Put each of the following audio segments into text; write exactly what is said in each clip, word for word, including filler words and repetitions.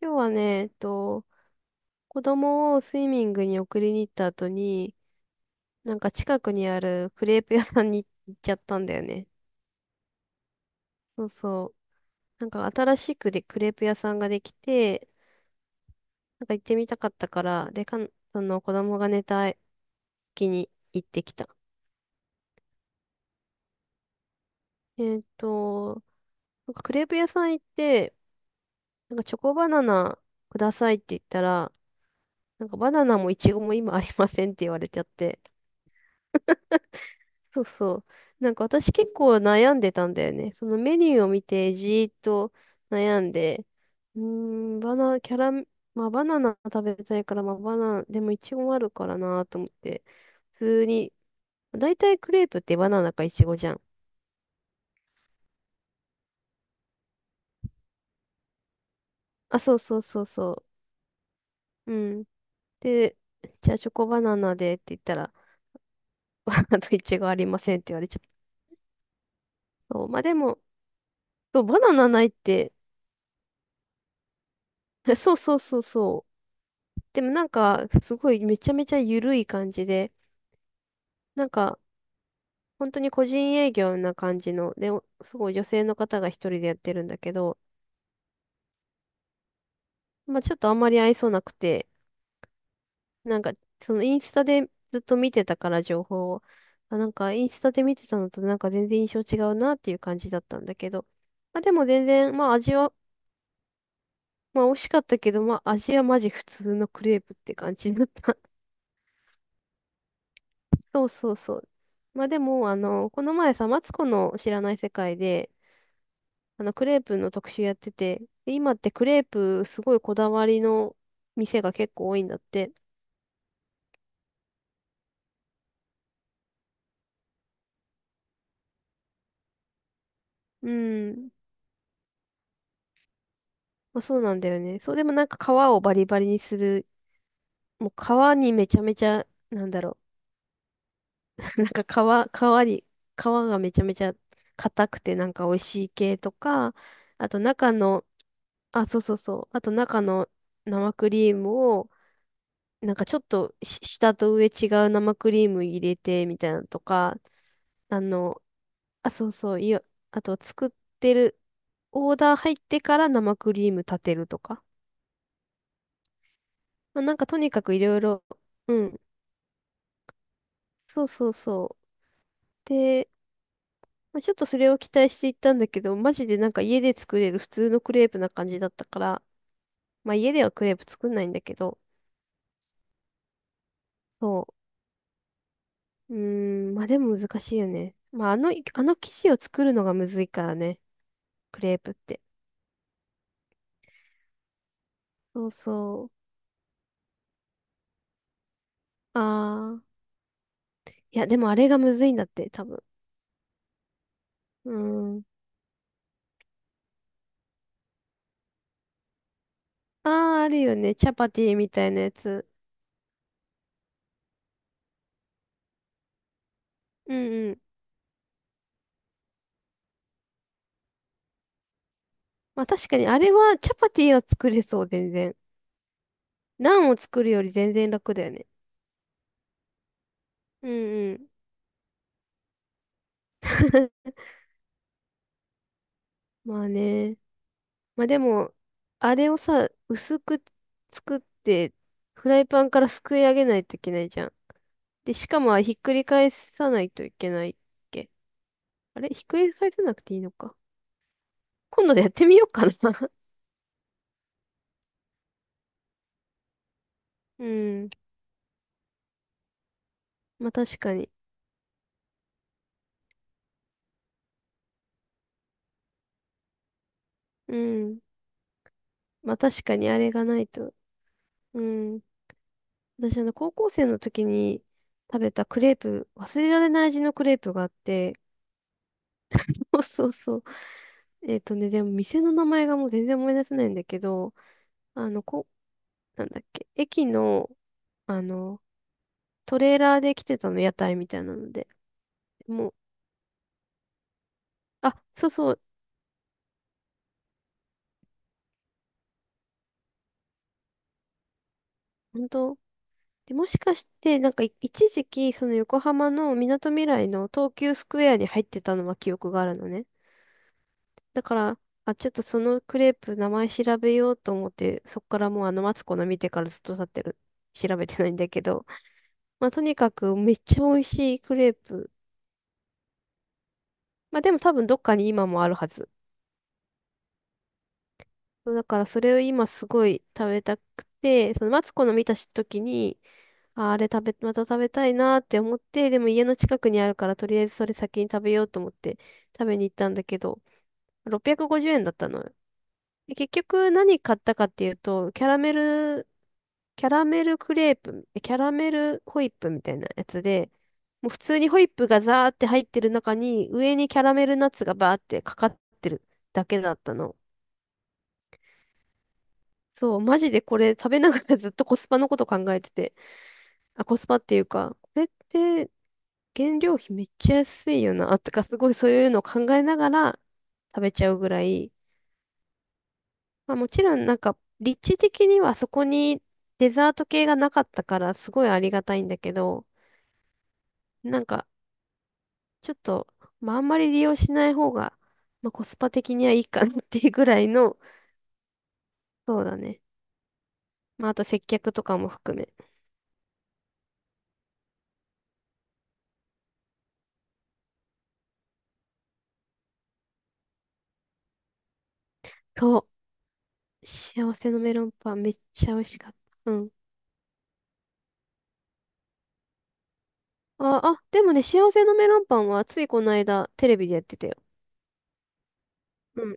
今日はね、えっと、子供をスイミングに送りに行った後に、なんか近くにあるクレープ屋さんに行っちゃったんだよね。そうそう。なんか新しくでクレープ屋さんができて、なんか行ってみたかったから、で、かん、その子供が寝た時に行ってきた。えっと、なんかクレープ屋さん行って、なんかチョコバナナくださいって言ったら、なんかバナナもイチゴも今ありませんって言われちゃって、そうそう。なんか私結構悩んでたんだよね。そのメニューを見てじーっと悩んで、うーん、バナ、キャラ、まあバナナ食べたいから、まあバナナ、でもイチゴもあるからなと思って、普通に、だいたいクレープってバナナかイチゴじゃん。あ、そうそうそうそう。うん。で、じゃあチョコバナナでって言ったら、あとイチゴありませんって言われちゃった。そう、まあでも、そう、バナナないって、そうそうそうそう。でもなんか、すごいめちゃめちゃ緩い感じで、なんか、本当に個人営業な感じの、で、おすごい女性の方が一人でやってるんだけど、まあちょっとあんまり愛想なくて、なんか、そのインスタでずっと見てたから情報を、あ、なんかインスタで見てたのとなんか全然印象違うなっていう感じだったんだけど、まあでも全然、まあ味は、まあ美味しかったけど、まあ味はマジ普通のクレープって感じだった。そうそうそう。まあでも、あの、この前さ、マツコの知らない世界で、あの、クレープの特集やってて、で今ってクレープすごいこだわりの店が結構多いんだって。うん。まあ、そうなんだよね。そう、でもなんか皮をバリバリにする。もう皮にめちゃめちゃ、なんだろう。なんか皮、皮に、皮がめちゃめちゃ硬くてなんか美味しい系とか、あと中の、あ、そうそうそう。あと中の生クリームを、なんかちょっとし下と上違う生クリーム入れてみたいなのとか、あの、あ、そうそう、いや、あと作ってる、オーダー入ってから生クリーム立てるとか。まあ、なんかとにかくいろいろ、うん、そうそうそう。で、まあ、ちょっとそれを期待していったんだけど、マジでなんか家で作れる普通のクレープな感じだったから、まあ家ではクレープ作んないんだけど、そう。うーん、まあでも難しいよね。まああの、あの生地を作るのがむずいからね、クレープって。そうそう。あー。いや、でもあれがむずいんだって、多分。うーん。ああ、あるよね。チャパティみたいなやつ。うんうん。まあ確かに、あれはチャパティは作れそう、全然。ナンを作るより全然楽だよね。うんうん。まあね。まあでも、あれをさ、薄く作って、フライパンからすくい上げないといけないじゃん。で、しかもひっくり返さないといけないっけ。あれひっくり返さなくていいのか。今度やってみようかな。うん。まあ確かに。うん。まあ確かにあれがないと。うん。私、あの、高校生の時に食べたクレープ、忘れられない味のクレープがあって、そうそうそう。えっとね、でも店の名前がもう全然思い出せないんだけど、あの、こ、なんだっけ、駅の、あの、トレーラーで来てたの、屋台みたいなので。もう、あ、そうそう、本当で、もしかして、なんかい、一時期、その横浜のみなとみらいの東急スクエアに入ってたのは記憶があるのね。だから、あ、ちょっとそのクレープ名前調べようと思って、そっからもうあのマツコの見てからずっと経ってる。調べてないんだけど。まあとにかくめっちゃ美味しいクレープ。まあでも多分どっかに今もあるはず。そうだからそれを今すごい食べたくて、そのマツコの見た時に、あ、あれ食べ、また食べたいなって思って、でも家の近くにあるからとりあえずそれ先に食べようと思って食べに行ったんだけど、ろっぴゃくごじゅうえんだったのよ。で結局何買ったかっていうと、キャラメルキャラメルクレープ、キャラメルホイップみたいなやつで、もう普通にホイップがザーって入ってる中に、上にキャラメルナッツがバーってかかってるだけだったの。そう、マジでこれ食べながらずっとコスパのこと考えてて、あ、コスパっていうか、これって原料費めっちゃ安いよな、とかすごいそういうのを考えながら食べちゃうぐらい、まあもちろんなんか、立地的にはそこにデザート系がなかったからすごいありがたいんだけど、なんか、ちょっと、まあ、あんまり利用しない方が、まあ、コスパ的にはいいかなっていうぐらいの、そうだね。まあ、あと接客とかも含め。そう。幸せのメロンパンめっちゃ美味しかった。うん。あ、あ、でもね、幸せのメロンパンはついこの間テレビでやってたよ。うん。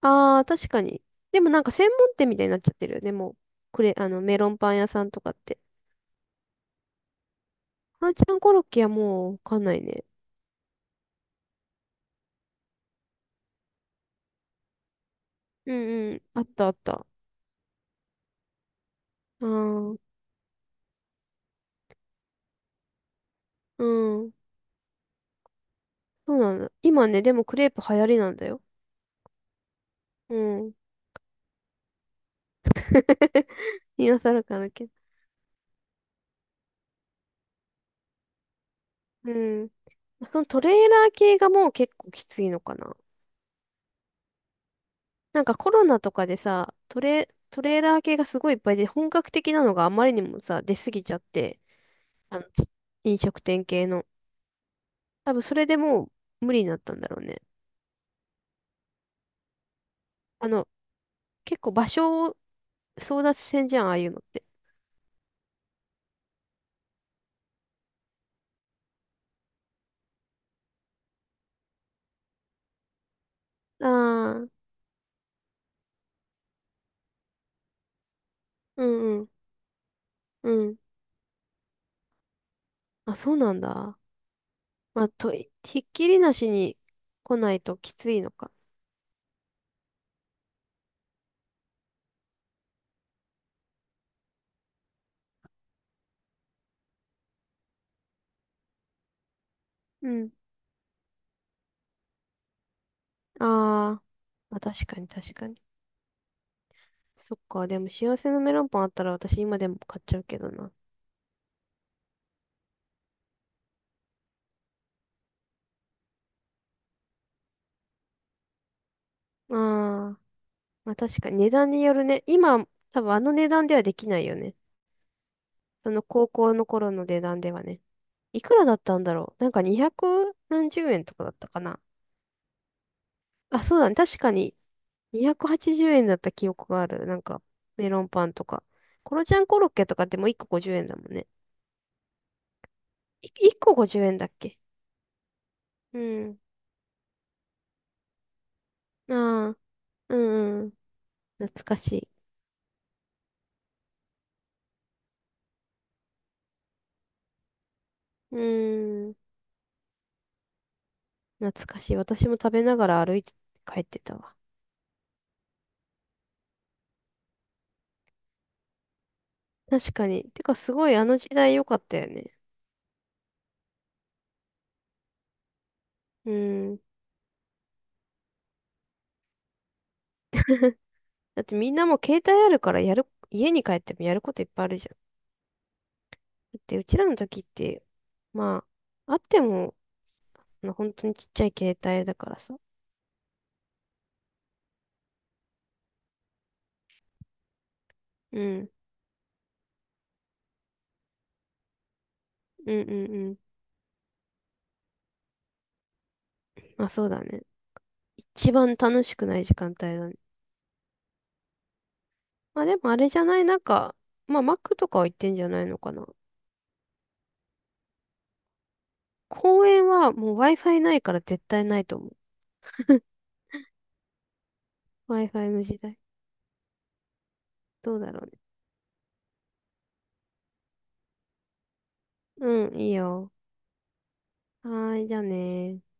ああ、確かに。でもなんか専門店みたいになっちゃってるよね。もう、これ、あの、メロンパン屋さんとかって。ハラちゃんコロッケはもうわかんないね。うんうん。あったあった。ああ、うん。そうなんだ。今ね、でもクレープ流行りなんだよ。うん。今更かなけど。うん。そのトレーラー系がもう結構きついのかな。なんかコロナとかでさ、トレ、トレーラー系がすごいいっぱいで、本格的なのがあまりにもさ、出すぎちゃって、あの、飲食店系の。多分それでもう無理になったんだろうね。あの、結構場所を争奪戦じゃん、ああいうのって。ああ、うんうん、うん。あ、そうなんだ。まあ、と、ひっきりなしに来ないときついのか。うん。ああ。まあ確かに確かに。そっか、でも幸せのメロンパンあったら私今でも買っちゃうけどな。ああ、まあ確かに値段によるね。今、多分あの値段ではできないよね。その高校の頃の値段ではね。いくらだったんだろう。なんかにひゃく何十円とかだったかな。あ、そうだね。確かににひゃくはちじゅうえんだった記憶がある。なんかメロンパンとか。コロちゃんコロッケとかってもういっこごじゅうえんだもんね。いいっこごじゅうえんだっけうん。ああ、うんうん。懐かしい。うーん。懐かしい。私も食べながら歩いて帰ってたわ。確かに。てか、すごいあの時代良かったよね。うん。だってみんなもう携帯あるからやる、家に帰ってもやることいっぱいあるじゃん。だってうちらの時って、まあ、あっても、あの本当にちっちゃい携帯だからさ。うん。うんうんうん。まあそうだね。一番楽しくない時間帯だね。まあでもあれじゃない、なんか、まあ Mac とかは行ってんじゃないのかな。公園はもう Wi-Fi ないから絶対ないと思う。Wi-Fi の時代。どうだろうね。うん、いいよ。はーい、じゃあねー。